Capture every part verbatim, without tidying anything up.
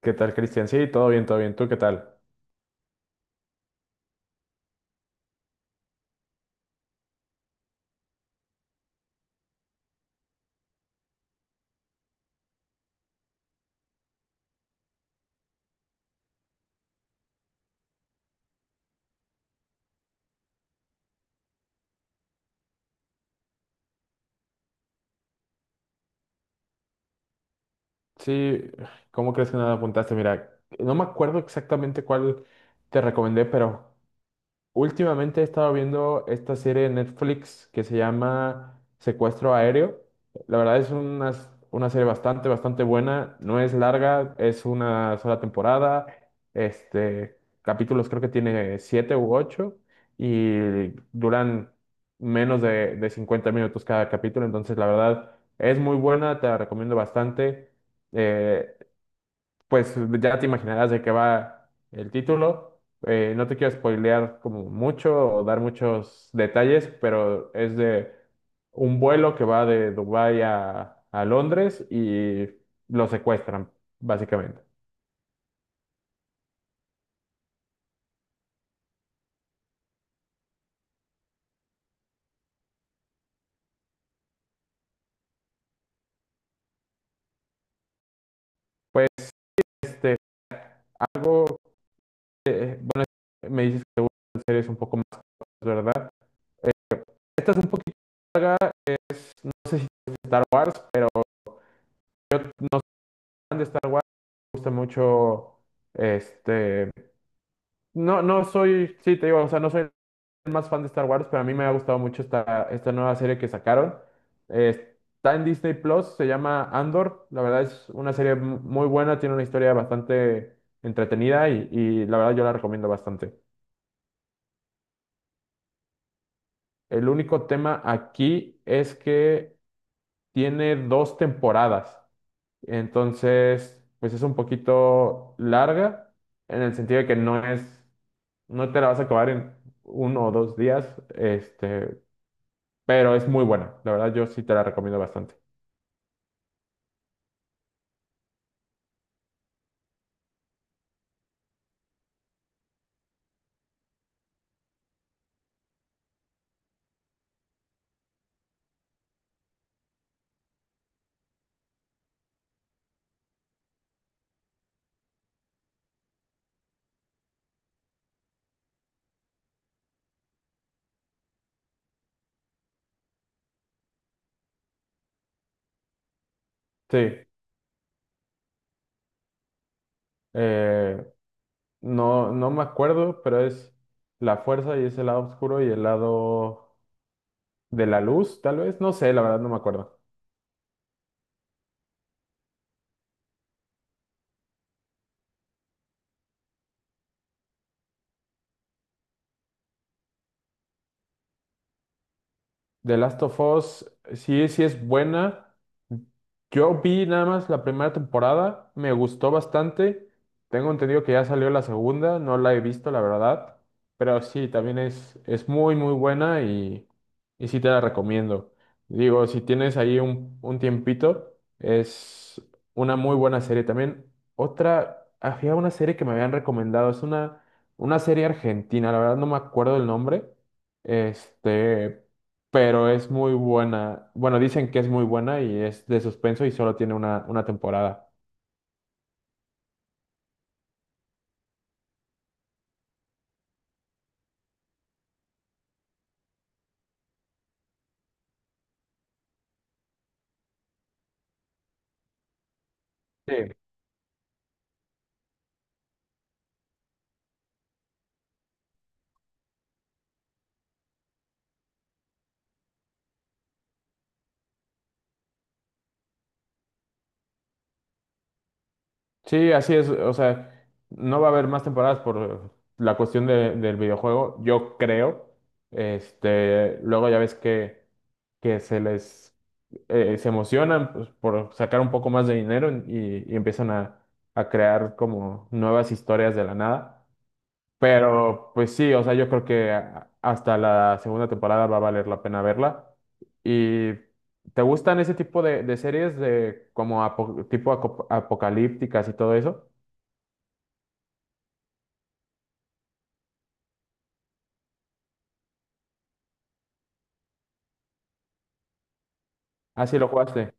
¿Qué tal, Cristian? Sí, todo bien, todo bien. ¿Tú qué tal? Sí, ¿cómo crees que no la apuntaste? Mira, no me acuerdo exactamente cuál te recomendé, pero últimamente he estado viendo esta serie de Netflix que se llama Secuestro Aéreo. La verdad es una, una serie bastante, bastante buena. No es larga, es una sola temporada. Este, Capítulos creo que tiene siete u ocho y duran menos de, de cincuenta minutos cada capítulo. Entonces, la verdad es muy buena, te la recomiendo bastante. Eh, pues ya te imaginarás de qué va el título. Eh, no te quiero spoilear como mucho o dar muchos detalles, pero es de un vuelo que va de Dubái a, a Londres y lo secuestran, básicamente. Pues sí, este, algo que, bueno, me dices que te gustan series un poco más, ¿verdad? Eh, Esta es un poquito larga, es, no sé si es de Star Wars, pero yo no soy fan de Star Wars, me gusta mucho este, no, no soy, sí, te digo, o sea, no soy el más fan de Star Wars, pero a mí me ha gustado mucho esta, esta nueva serie que sacaron. Eh, está en Disney Plus, se llama Andor. La verdad es una serie mu- muy buena, tiene una historia bastante entretenida y, y la verdad yo la recomiendo bastante. El único tema aquí es que tiene dos temporadas, entonces, pues es un poquito larga en el sentido de que no es, no te la vas a acabar en uno o dos días, este pero es muy buena. La verdad, yo sí te la recomiendo bastante. Sí, eh, no, no me acuerdo, pero es la fuerza y es el lado oscuro y el lado de la luz, tal vez. No sé, la verdad, no me acuerdo. The Last of Us, sí, sí es buena. Yo vi nada más la primera temporada, me gustó bastante. Tengo entendido que ya salió la segunda, no la he visto, la verdad. Pero sí, también es, es muy, muy buena y, y sí te la recomiendo. Digo, si tienes ahí un, un tiempito, es una muy buena serie. También otra, había una serie que me habían recomendado, es una, una serie argentina, la verdad no me acuerdo el nombre. Este, pero es muy buena. Bueno, dicen que es muy buena y es de suspenso y solo tiene una, una temporada. Sí. Sí, así es. O sea, no va a haber más temporadas por la cuestión de- del videojuego, yo creo. Este, luego ya ves que, que se les eh, se emocionan pues, por sacar un poco más de dinero y, y empiezan a, a crear como nuevas historias de la nada. Pero pues sí, o sea, yo creo que a- hasta la segunda temporada va a valer la pena verla. ¿Y te gustan ese tipo de, de series de como apo- tipo aco- apocalípticas y todo eso? Ah, sí, lo jugaste.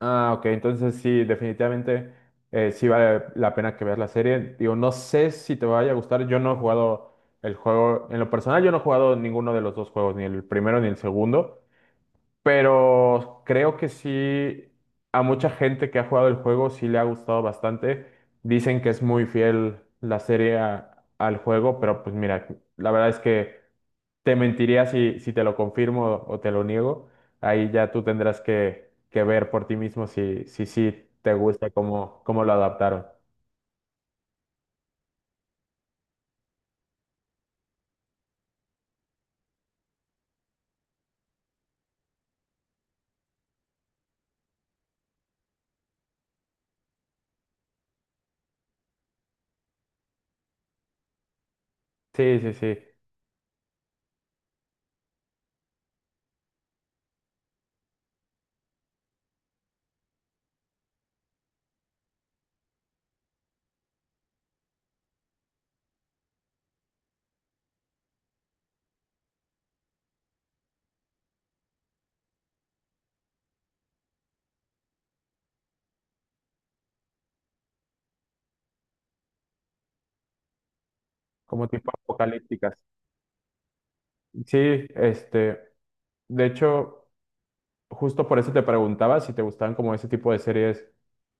Ah, ok, entonces sí, definitivamente eh, sí vale la pena que veas la serie. Digo, no sé si te vaya a gustar, yo no he jugado el juego, en lo personal yo no he jugado ninguno de los dos juegos, ni el primero ni el segundo. Pero creo que sí, a mucha gente que ha jugado el juego sí le ha gustado bastante. Dicen que es muy fiel la serie a- al juego, pero pues mira, la verdad es que te mentiría si, si te lo confirmo o te lo niego. Ahí ya tú tendrás que, que ver por ti mismo si, si, sí te gusta cómo, cómo lo adaptaron. Sí, sí, sí, como tipo apocalípticas. Sí, este, de hecho... justo por eso te preguntaba si te gustaban como ese tipo de series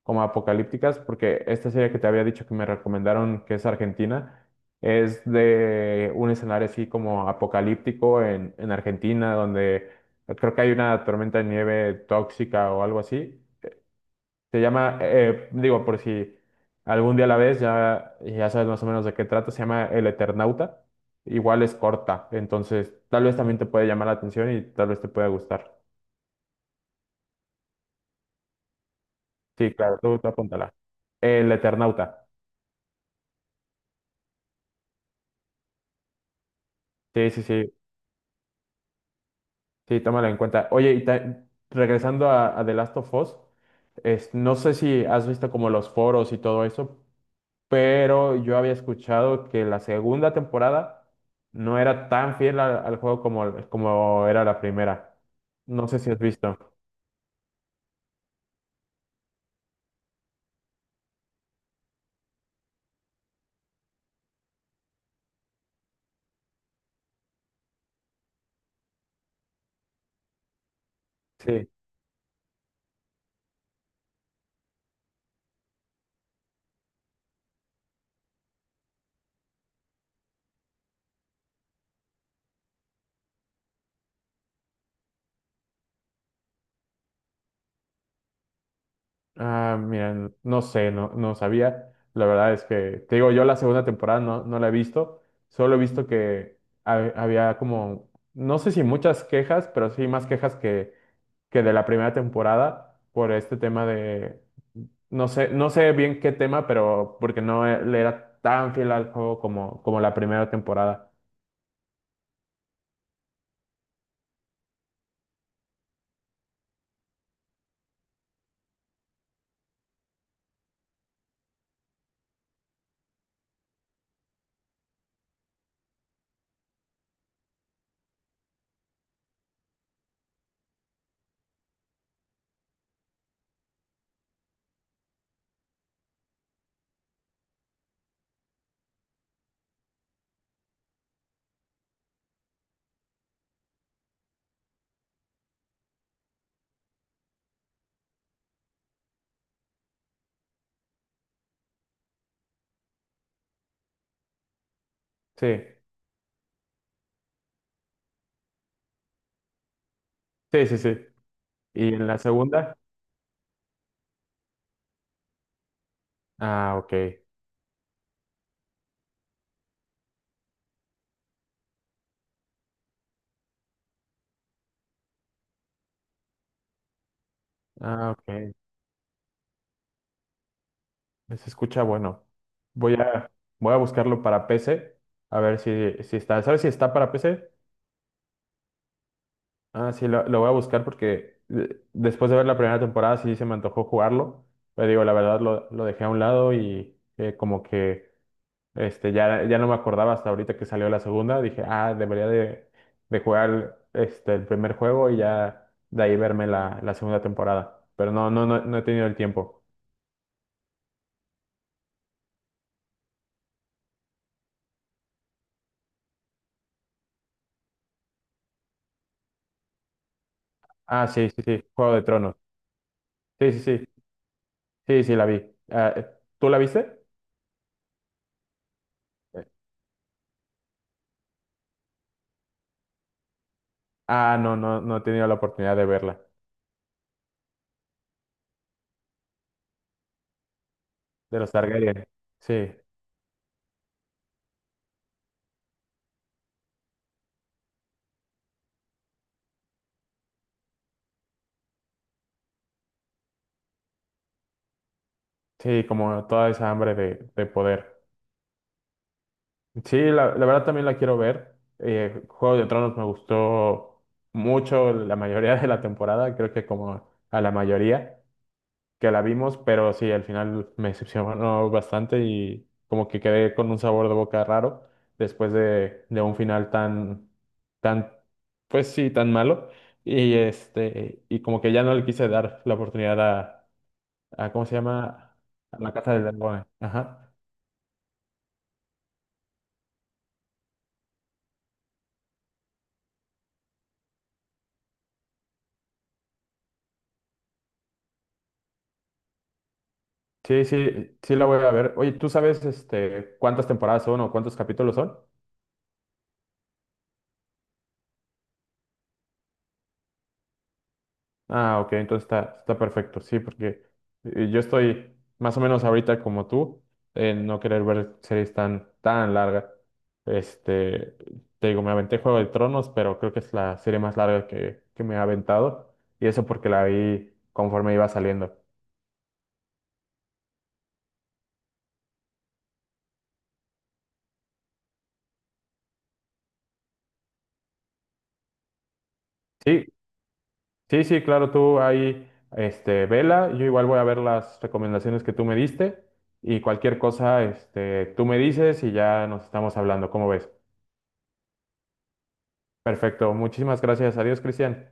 como apocalípticas, porque esta serie que te había dicho que me recomendaron, que es Argentina, es de un escenario así como apocalíptico en, en Argentina, donde creo que hay una tormenta de nieve tóxica o algo así. Se llama, eh, digo, por si algún día la ves, ya, ya sabes más o menos de qué trata, se llama El Eternauta. Igual es corta, entonces tal vez también te puede llamar la atención y tal vez te pueda gustar. Sí, claro, tú, tú apúntala. El Eternauta. Sí, sí, sí, sí, tómalo en cuenta. Oye, y ta- regresando a, a The Last of Us, es- no sé si has visto como los foros y todo eso, pero yo había escuchado que la segunda temporada no era tan fiel al, al juego como, como era la primera. No sé si has visto. Sí. Ah, mira, no sé, no, no sabía. La verdad es que, te digo, yo la segunda temporada no, no la he visto. Solo he visto que ha- había como, no sé si muchas quejas, pero sí más quejas que, que de la primera temporada por este tema de, no sé, no sé bien qué tema, pero porque no e- le era tan fiel al juego como, como la primera temporada. Sí, sí, sí, sí. Y en la segunda, ah, ok, ah, ok. Se escucha bueno. Voy a, voy a buscarlo para P C. A ver si, si está. ¿Sabes si está para P C? Ah, sí, lo, lo voy a buscar porque de- después de ver la primera temporada sí se me antojó jugarlo. Pero digo, la verdad lo, lo dejé a un lado y eh, como que este, ya, ya no me acordaba hasta ahorita que salió la segunda. Dije, ah, debería de, de jugar este, el primer juego y ya de ahí verme la, la segunda temporada. Pero no, no, no, no he tenido el tiempo. Ah, sí, sí, sí, Juego de Tronos. Sí, sí, sí. Sí, sí, la vi. Ah, eh, ¿tú la viste? Eh, Ah, no, no, no he tenido la oportunidad de verla. De los Targaryen. Sí, sí, como toda esa hambre de, de poder. Sí, la, la verdad también la quiero ver. Eh, Juego de Tronos me gustó mucho la mayoría de la temporada, creo que como a la mayoría. Que la vimos, pero sí, al final me decepcionó bastante y como que quedé con un sabor de boca raro después de, de un final tan, tan, pues sí, tan malo. Y este, y como que ya no le quise dar la oportunidad a, a ¿cómo se llama? A la Casa del Dragón. Ajá. Sí, sí, sí la voy a ver. Oye, ¿tú sabes este cuántas temporadas son o cuántos capítulos son? Ah, ok, entonces está, está perfecto, sí, porque eh, yo estoy más o menos ahorita como tú, en no querer ver series tan, tan largas. Este, Te digo, me aventé Juego de Tronos, pero creo que es la serie más larga que, que me ha aventado, y eso porque la vi conforme iba saliendo. Sí, sí, sí, claro, tú ahí, este, vela, yo igual voy a ver las recomendaciones que tú me diste, y cualquier cosa, este, tú me dices y ya nos estamos hablando, ¿cómo ves? Perfecto. Muchísimas gracias. Adiós, Cristian.